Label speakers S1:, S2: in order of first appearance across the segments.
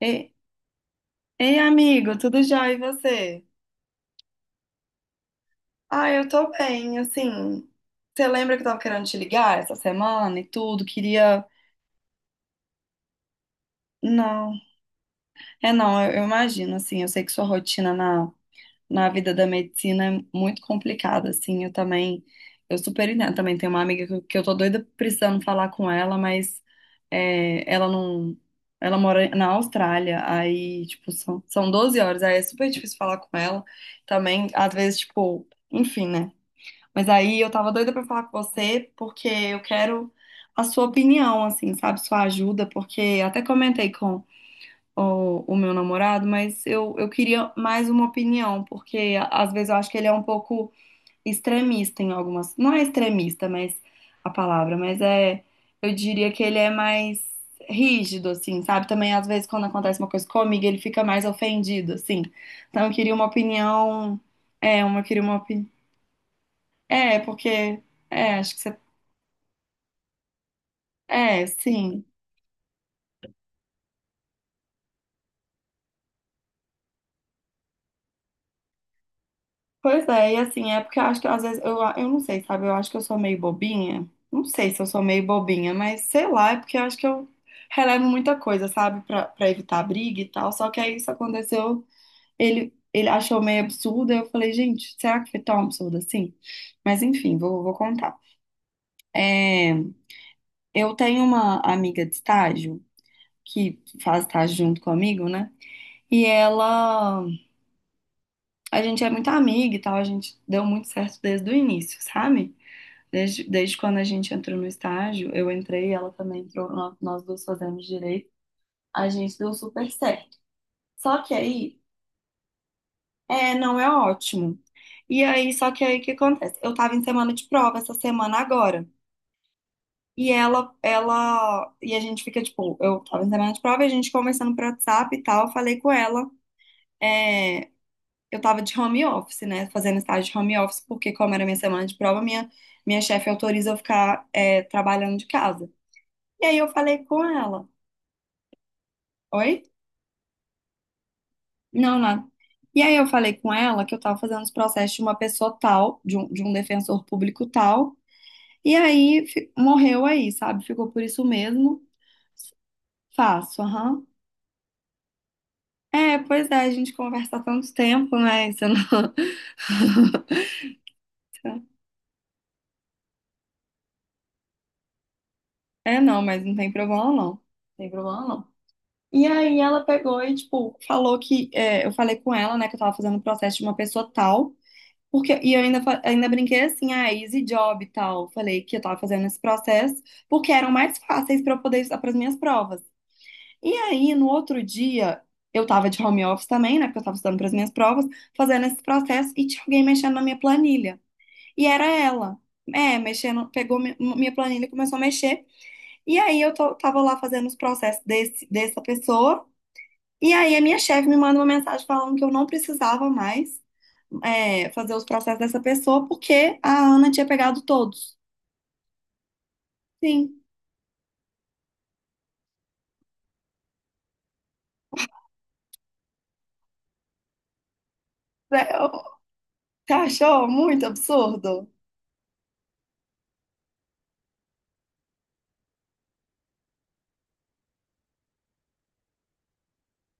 S1: Ei, ei, amigo, tudo já. E você? Ah, eu tô bem, assim. Você lembra que eu tava querendo te ligar essa semana e tudo? Queria. Não, é não, eu imagino, assim. Eu sei que sua rotina na vida da medicina é muito complicada, assim. Eu também. Eu super entendo. Também tenho uma amiga que eu tô doida precisando falar com ela, mas ela não. Ela mora na Austrália, aí, tipo, são, 12 horas, aí é super difícil falar com ela. Também, às vezes, tipo, enfim, né? Mas aí eu tava doida pra falar com você, porque eu quero a sua opinião, assim, sabe? Sua ajuda, porque até comentei com o meu namorado, mas eu queria mais uma opinião, porque às vezes eu acho que ele é um pouco extremista em algumas. Não é extremista, mas a palavra, mas é. Eu diria que ele é mais rígido, assim, sabe? Também às vezes quando acontece uma coisa comigo, ele fica mais ofendido, assim. Então eu queria uma opinião. É, eu queria uma opinião. É, porque. É, acho que você. É, sim. Pois é, e assim, é porque eu acho que às vezes. Eu não sei, sabe? Eu acho que eu sou meio bobinha. Não sei se eu sou meio bobinha, mas sei lá, é porque eu acho que eu relevo muita coisa, sabe? Pra evitar briga e tal. Só que aí isso aconteceu. Ele achou meio absurdo. Eu falei, gente, será que foi tão absurdo assim? Mas enfim, vou contar. É, eu tenho uma amiga de estágio que faz estágio junto comigo, né? E ela. A gente é muito amiga e tal, a gente deu muito certo desde o início, sabe? desde, quando a gente entrou no estágio, eu entrei, ela também entrou, nós, duas fazemos direito, a gente deu super certo. Só que aí, é, não é ótimo. E aí, só que aí o que acontece? Eu tava em semana de prova essa semana agora. E a gente fica tipo, eu tava em semana de prova, e a gente conversando por WhatsApp e tal, eu falei com ela. é, eu tava de home office, né? Fazendo estágio de home office, porque como era minha semana de prova, minha, chefe autoriza eu ficar trabalhando de casa. E aí eu falei com ela. Oi? Não, não. E aí eu falei com ela que eu tava fazendo os processos de uma pessoa tal, de um defensor público tal. E aí morreu aí, sabe? Ficou por isso mesmo. Faço, aham. É, pois é, a gente conversa há tanto tempo, né? Isso não. É, não, mas não tem problema não. Não tem problema não. E aí ela pegou e, tipo, falou que. Eu falei com ela, né, que eu tava fazendo o processo de uma pessoa tal. Porque, e eu ainda, ainda brinquei assim, ah, easy job e tal. Falei que eu tava fazendo esse processo porque eram mais fáceis pra eu poder estudar pras minhas provas. E aí, no outro dia, eu tava de home office também, né, porque eu tava estudando pras minhas provas, fazendo esse processo e tinha alguém mexendo na minha planilha. E era ela. É, mexendo, pegou minha planilha e começou a mexer. E aí eu tava lá fazendo os processos desse, dessa pessoa. E aí a minha chefe me manda uma mensagem falando que eu não precisava mais fazer os processos dessa pessoa porque a Ana tinha pegado todos. Sim. É. Você achou muito absurdo?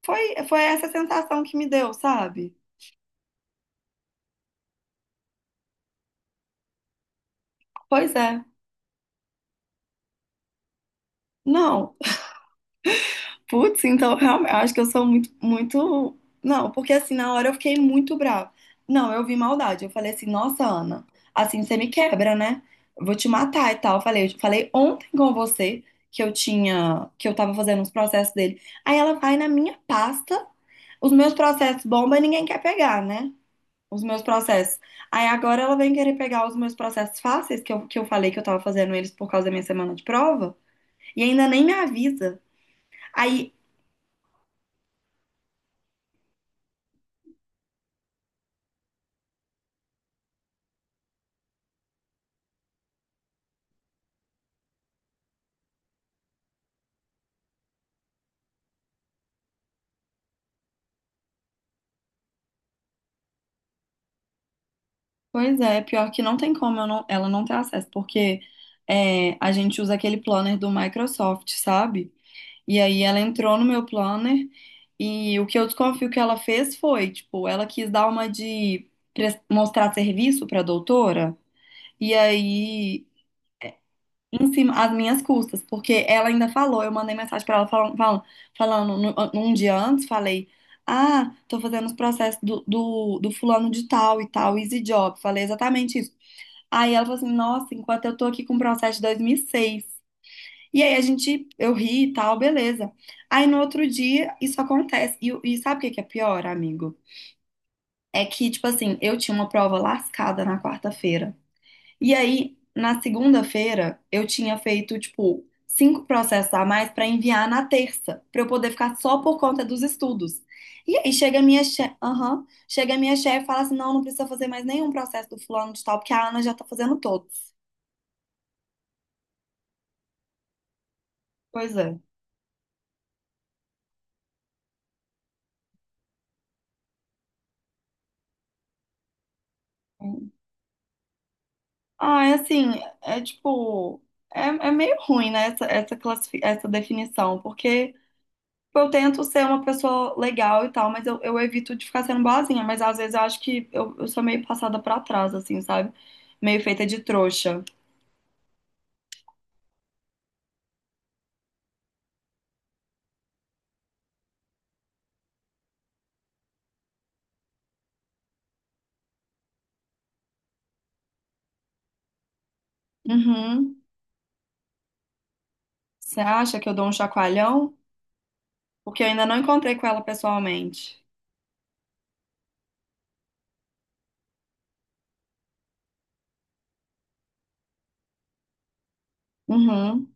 S1: Foi essa sensação que me deu, sabe? Pois é. Não, putz, então realmente, eu acho que eu sou muito, muito. Não, porque assim, na hora eu fiquei muito brava. Não, eu vi maldade. Eu falei assim, nossa, Ana, assim você me quebra, né? Eu vou te matar e tal. Eu falei ontem com você que eu tinha, que eu tava fazendo os processos dele. Aí ela vai na minha pasta, os meus processos bomba e ninguém quer pegar, né? Os meus processos. Aí agora ela vem querer pegar os meus processos fáceis, que eu, falei que eu tava fazendo eles por causa da minha semana de prova, e ainda nem me avisa. Aí. Pois é, pior que não tem como eu ela não ter acesso, porque a gente usa aquele planner do Microsoft, sabe? E aí ela entrou no meu planner e o que eu desconfio que ela fez foi, tipo, ela quis dar uma de mostrar serviço pra doutora e aí em cima as minhas custas, porque ela ainda falou, eu mandei mensagem pra ela falando, um dia antes, falei. Ah, tô fazendo os processos do fulano de tal e tal, easy job. Falei exatamente isso. Aí ela falou assim, nossa, enquanto eu tô aqui com o processo de 2006. E seis. E aí a gente, eu ri e tal, beleza. Aí no outro dia, isso acontece. E sabe o que que é pior, amigo? É que, tipo assim, eu tinha uma prova lascada na quarta-feira. E aí, na segunda-feira, eu tinha feito, tipo, cinco processos a mais pra enviar na terça, pra eu poder ficar só por conta dos estudos. E aí chega a minha chefe, aham, chega a minha chefe e fala assim, não, não precisa fazer mais nenhum processo do fulano de tal, porque a Ana já tá fazendo todos. Pois é. Ah, é assim, é tipo, é meio ruim, né, essa definição, porque tipo, eu tento ser uma pessoa legal e tal, mas eu evito de ficar sendo boazinha, mas às vezes eu acho que eu sou meio passada pra trás, assim, sabe? Meio feita de trouxa. Uhum. Você acha que eu dou um chacoalhão? Porque eu ainda não encontrei com ela pessoalmente. Uhum.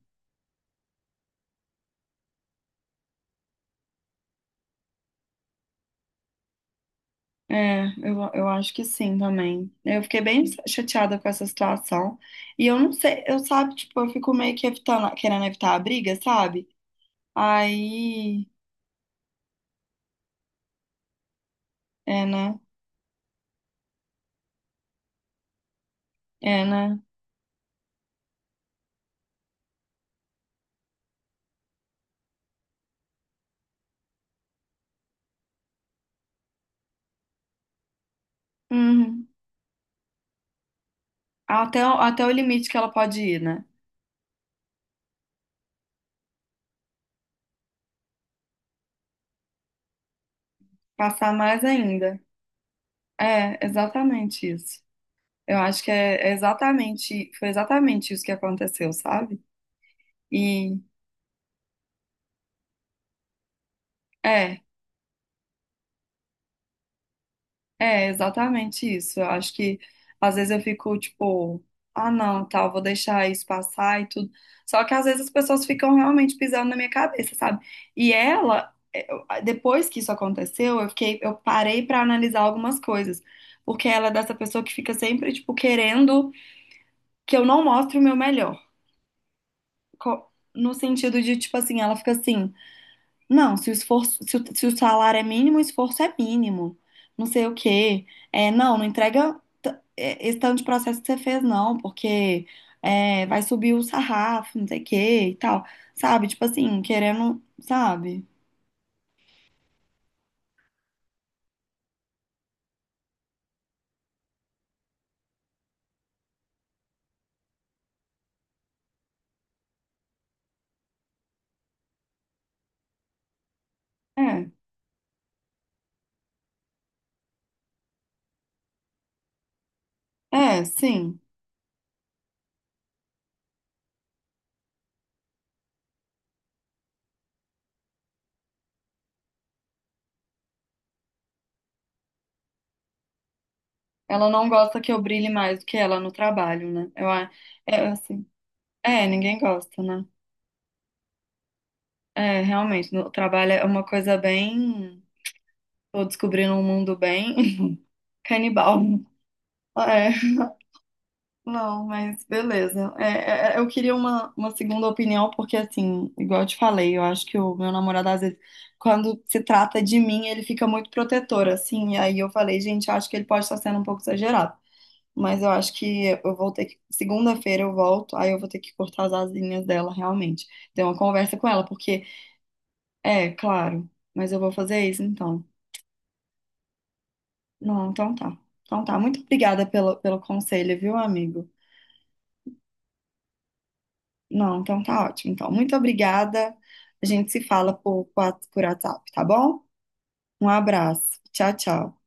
S1: É, eu acho que sim também. Eu fiquei bem chateada com essa situação. E eu não sei, eu sabe, tipo, eu fico meio que evitando, querendo evitar a briga, sabe? Aí, é, né? É, né? Uhum. Até o limite que ela pode ir, né? Passar mais ainda. É, exatamente isso. Eu acho que é exatamente, foi exatamente isso que aconteceu, sabe? E é. É exatamente isso. Eu acho que às vezes eu fico tipo, ah, não, tal, vou deixar isso passar e tudo. Só que às vezes as pessoas ficam realmente pisando na minha cabeça, sabe? E ela, depois que isso aconteceu, eu fiquei, eu parei pra analisar algumas coisas, porque ela é dessa pessoa que fica sempre tipo querendo que eu não mostre o meu melhor. No sentido de tipo assim, ela fica assim. Não, se o esforço, se o salário é mínimo, o esforço é mínimo. Não sei o quê. É, não, não entrega esse tanto de processo que você fez, não, porque vai subir o sarrafo, não sei o quê e tal. Sabe? Tipo assim, querendo, sabe? É, é, sim. Ela não gosta que eu brilhe mais do que ela no trabalho, né? É assim. É, ninguém gosta, né? É, realmente, no trabalho é uma coisa bem. Tô descobrindo um mundo bem canibal. É. Não, mas beleza. Eu queria uma, segunda opinião, porque assim, igual eu te falei, eu acho que o meu namorado, às vezes, quando se trata de mim, ele fica muito protetor, assim. E aí eu falei, gente, eu acho que ele pode estar sendo um pouco exagerado. Mas eu acho que eu vou ter que. Segunda-feira eu volto, aí eu vou ter que cortar as asinhas dela, realmente. Ter uma conversa com ela, porque, claro, mas eu vou fazer isso então. Não, então tá. Então tá. Muito obrigada pelo, conselho, viu, amigo? Não, então tá ótimo. Então, muito obrigada. A gente se fala por, WhatsApp, tá bom? Um abraço. Tchau, tchau.